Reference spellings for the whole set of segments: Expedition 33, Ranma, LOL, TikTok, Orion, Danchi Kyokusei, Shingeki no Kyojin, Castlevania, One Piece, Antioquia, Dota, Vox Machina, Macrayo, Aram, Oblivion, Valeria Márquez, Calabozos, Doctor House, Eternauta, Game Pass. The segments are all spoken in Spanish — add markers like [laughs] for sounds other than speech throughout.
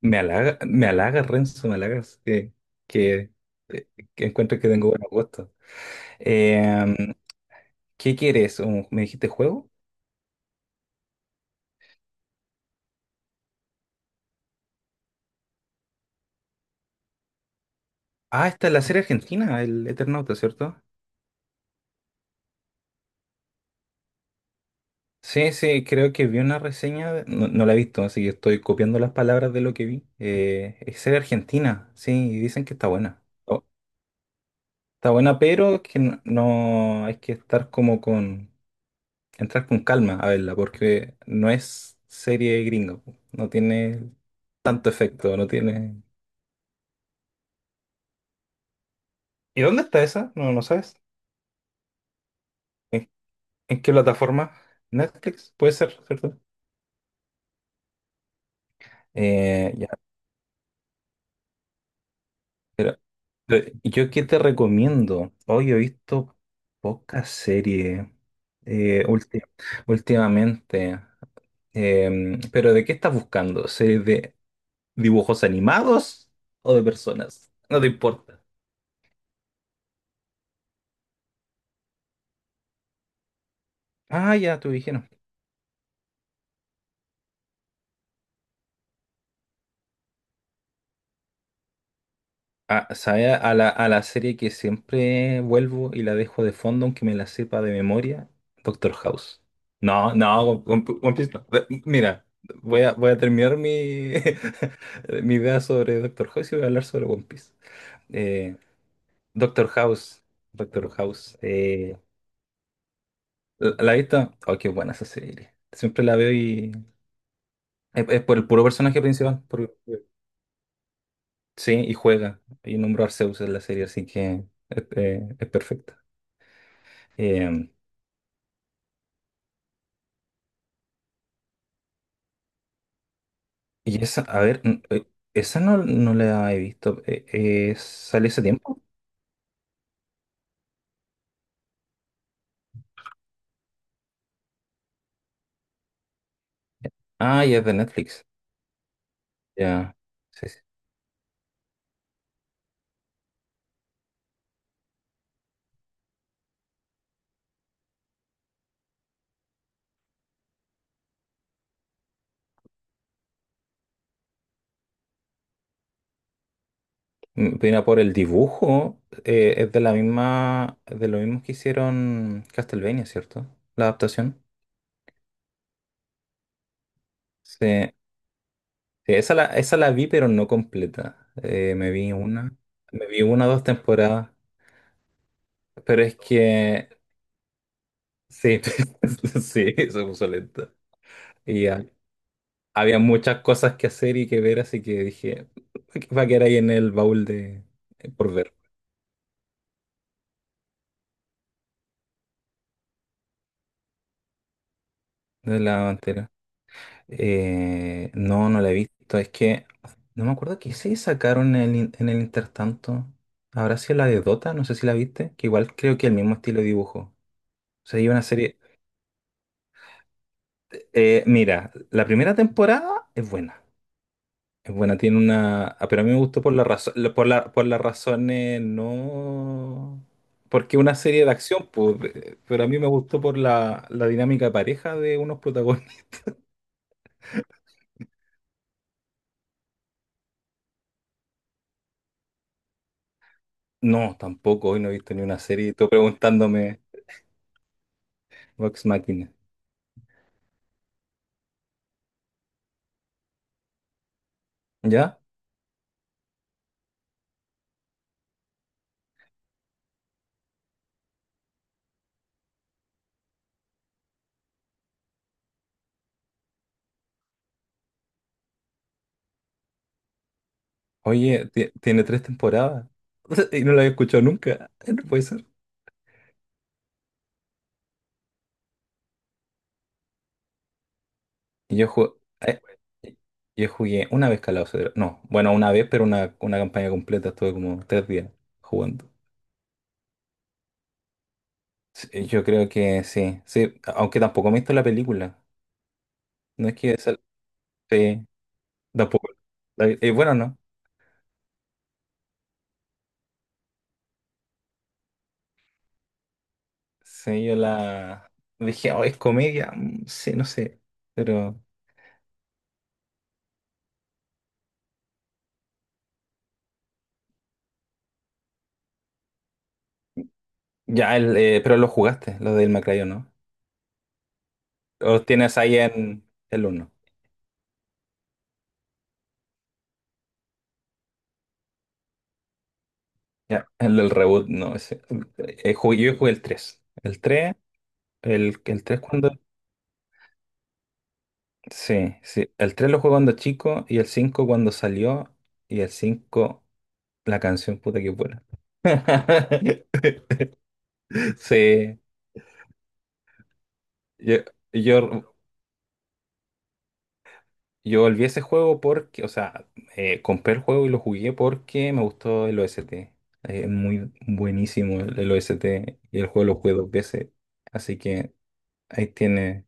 Me halaga, me halagas, Renzo, me halagas que, eh, que encuentro que tengo buen gusto. Eh, ¿Qué quieres? ¿Me dijiste juego? Ah, esta es la serie argentina, el Eternauta, ¿cierto? Sí, sí, creo que vi una reseña, no, no la he visto, así que estoy copiando las palabras de lo que vi. Es serie argentina, sí, y dicen que está buena. Oh, está buena, pero que hay que estar como entrar con calma a verla, porque no es serie gringa, po. No tiene tanto efecto, no tiene. ¿Y dónde está esa? No, no sabes. ¿En, en qué plataforma? Netflix, puede ser, ¿cierto? Ya. ¿Yo qué te recomiendo? Hoy he visto pocas series, eh, ulti- últimamente. Pero ¿de qué estás buscando? ¿Series de dibujos animados o de personas? No te importa. Ah, ya, tú dijeron. ¿Sabe? A la serie que siempre vuelvo y la dejo de fondo, aunque me la sepa de memoria, Doctor House. No, no, One Piece no. Mira, voy a terminar mi, [laughs] mi idea sobre Doctor House y voy a hablar sobre One Piece. Eh, Doctor House, Doctor House. La he visto? Oh, qué buena esa serie. Siempre la veo y es por el puro personaje principal. Por- sí, y juega. Y nombro a Arceus en la serie, así que es perfecta. Eh, Y esa, a ver, esa no, no la he visto. ¿Sale ese tiempo? Ah, ya es de Netflix. Ya. Sí, sí. Mira, por el dibujo, es de la misma, de lo mismo que hicieron Castlevania, ¿cierto? La adaptación. Sí. Sí, esa la vi, pero no completa. Me vi una o dos temporadas. Pero es que, sí, [laughs] sí, se puso lenta. Y ya. Había muchas cosas que hacer y que ver, así que dije, va a quedar ahí en el baúl de, por ver, de la bandera. No, no la he visto. Es que no me acuerdo qué se sacaron en el intertanto. Habrá sido la de Dota, no sé si la viste, que igual creo que el mismo estilo de dibujo. O sea, hay una serie. Mira, la primera temporada es buena. Es buena, tiene una. Pero a mí me gustó por la razón, por las razones no. Porque una serie de acción, pues, pero a mí me gustó por la dinámica de pareja de unos protagonistas. [laughs] No, tampoco, hoy no he visto ni una serie. Estoy preguntándome Vox Machina. ¿Ya? Oye, tiene tres temporadas. [laughs] Y no la había escuchado nunca. [laughs] No puede ser. Y yo jugué. Yo jugué una vez Calabozos. No, bueno, una vez, pero una campaña completa. Estuve como 3 días jugando. Sí, yo creo que sí, sí, aunque tampoco me he visto la película. No es que sí, tampoco. Bueno, no. Sí, yo la dije, oh, es comedia. Sí, no sé. Pero ya, pero lo jugaste, lo del Macrayo, ¿no? O los tienes ahí en el uno. Ya, el del reboot, no. Yo jugué el tres cuando. Sí, sí. El 3 lo jugué cuando chico y el 5 cuando salió. Y el cinco. La canción puta que buena. [laughs] Sí, yo, yo, yo volví a ese juego porque, o sea, compré el juego y lo jugué porque me gustó el OST. Es muy buenísimo el OST y el juego lo jugué dos veces. Así que ahí tiene,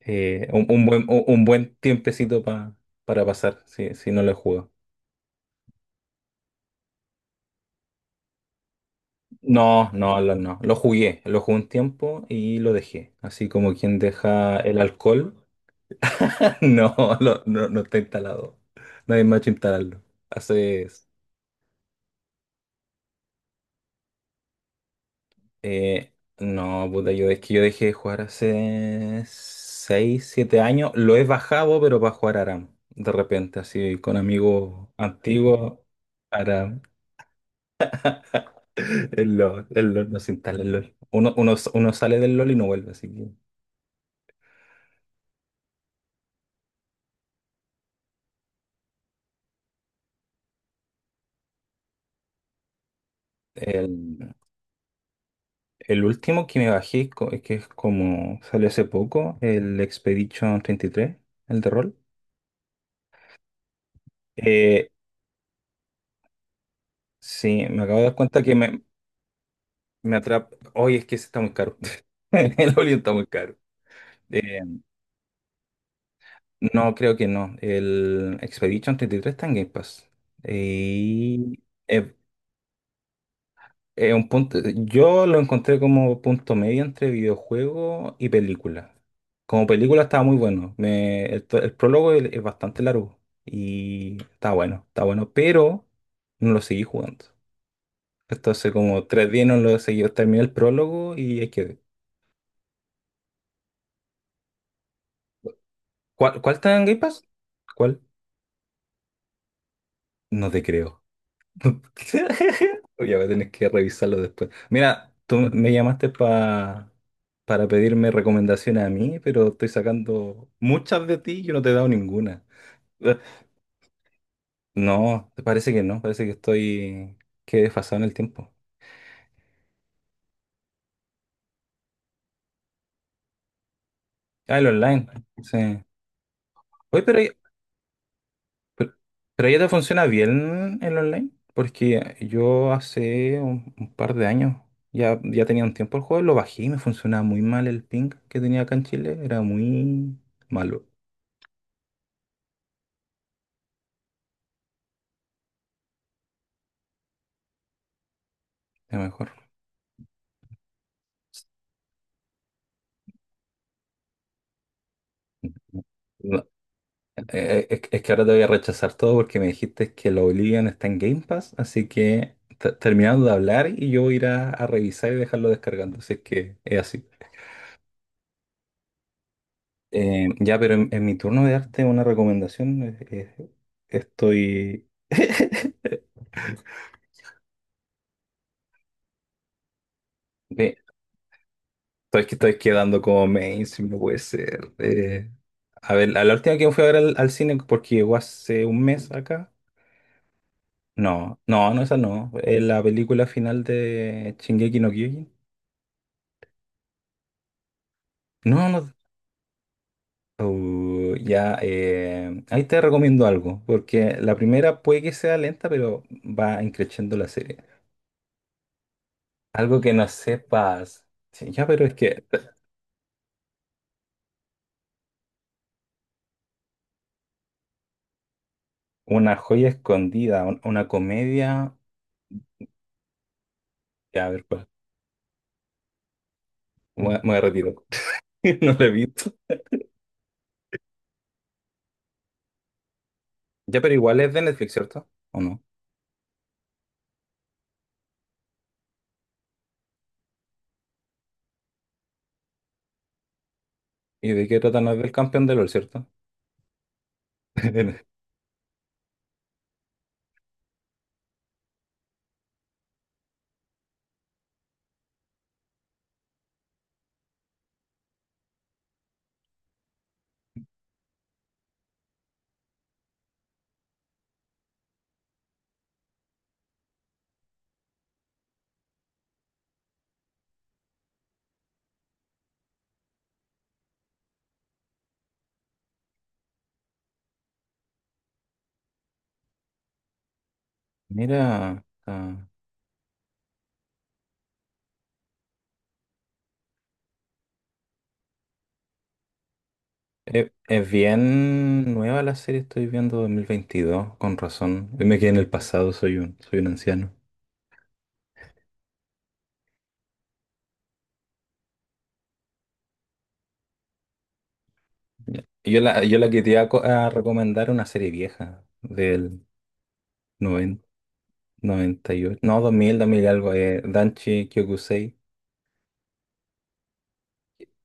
un buen tiempecito, para pasar si no lo juego. No, no, no. Lo jugué un tiempo y lo dejé. Así como quien deja el alcohol. [laughs] No, no, no está instalado. Nadie me ha hecho instalarlo. Hace... eh, no, puta, yo es que yo dejé de jugar hace 6, 7 años. Lo he bajado, pero para jugar Aram. De repente, así con amigos antiguos. Aram. El LOL no se instala el LOL. Uno sale del LOL y no vuelve, así que... El, el último que me bajé, que es como salió hace poco, el Expedition 33, el de rol. Eh, Sí, me acabo de dar cuenta que me atrapa. Hoy es que ese está muy caro. [laughs] El Orion está muy caro. Eh, no, creo que no. El Expedition 33 está en Game Pass. Y es, es un punto. Yo lo encontré como punto medio entre videojuego y película. Como película estaba muy bueno. El prólogo es bastante largo. Y está bueno, está bueno. Pero no lo seguí jugando. Entonces, como 3 días no lo seguí. Terminé el prólogo y ahí quedé. ¿Cuál está en Game Pass? ¿Cuál? No te creo. [laughs] Oye, voy a tener que revisarlo después. Mira, tú me llamaste para pedirme recomendaciones a mí, pero estoy sacando muchas de ti y yo no te he dado ninguna. Eh, No, parece que no, parece que estoy, que he desfasado en el tiempo. Ah, el online. Sí. Oye, pero ya te funciona bien el online, porque yo hace un par de años ya tenía un tiempo el juego, lo bajé y me funcionaba muy mal el ping que tenía acá en Chile, era muy malo, a mejor. No, es que ahora te voy a rechazar todo porque me dijiste que la Oblivion está en Game Pass, así que terminando de hablar y yo voy a ir a revisar y dejarlo descargando, así que es así. Ya, pero en mi turno de arte una recomendación, eh, estoy... [laughs] Sí, estoy quedando como mainstream, no puede ser. A ver, a la última que fui a ver al cine, porque llegó hace un mes acá. No, no, no, esa no. La película final de Shingeki no Kyojin. No, no. Ya, ahí te recomiendo algo, porque la primera puede que sea lenta, pero va increciendo la serie. Algo que no sepas. Sí, ya, pero es que una joya escondida, una comedia. Ya, a ver, pues, me retiro. [laughs] No la he visto. Ya, pero igual es de Netflix, ¿cierto? ¿O no? ¿Y de qué trata? No es del campeón de LOL, ¿cierto? [laughs] Mira, es bien nueva la serie, estoy viendo 2022, con razón. Yo me quedé en el pasado, soy un anciano. Ya. Y yo la que te iba a recomendar una serie vieja del noventa, 98, no, 2000, 2000 algo, Danchi Kyokusei.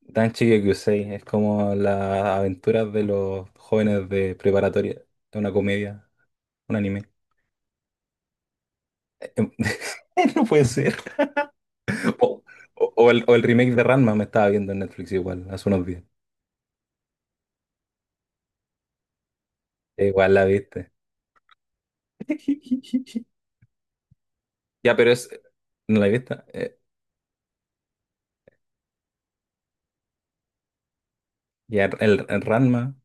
Danchi Kyokusei es como las aventuras de los jóvenes de preparatoria, es una comedia, un anime. Em- [laughs] No puede ser. O, o el remake de Ranma me estaba viendo en Netflix igual, hace unos días. Igual la viste. [laughs] Ya, pero es. ¿No la viste? Ya, el Ranma.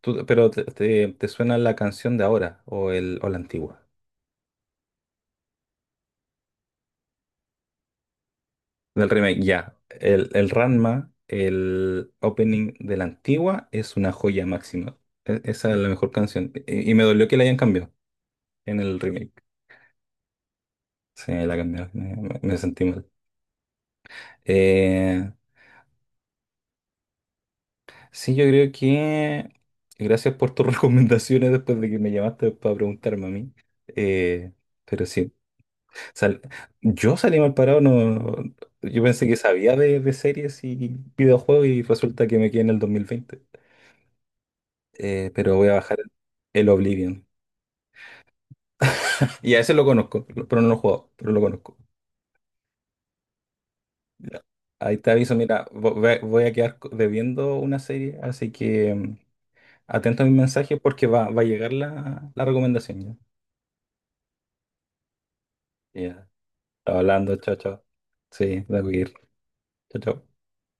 Pero te suena la canción de ahora o la antigua. Del remake, ya. El Ranma, el opening de la antigua, es una joya máxima. Esa es la mejor canción. Y me dolió que la hayan cambiado en el remake. Sí, la cambiaron. Me sentí mal. Eh, Sí, yo creo que gracias por tus [laughs] recomendaciones después de que me llamaste para preguntarme a mí. Eh, pero sí, sal- yo salí mal parado, no, yo pensé que sabía de series y videojuegos y resulta que me quedé en el 2020. Pero voy a bajar el Oblivion. Y a ese lo conozco, pero no lo he jugado, pero lo conozco. Ya. Ahí te aviso, mira, voy a quedar debiendo una serie, así que atento a mi mensaje porque va a llegar la recomendación ya. Ya. Hablando, chao, chao. Sí, tengo que ir. Chao, chao.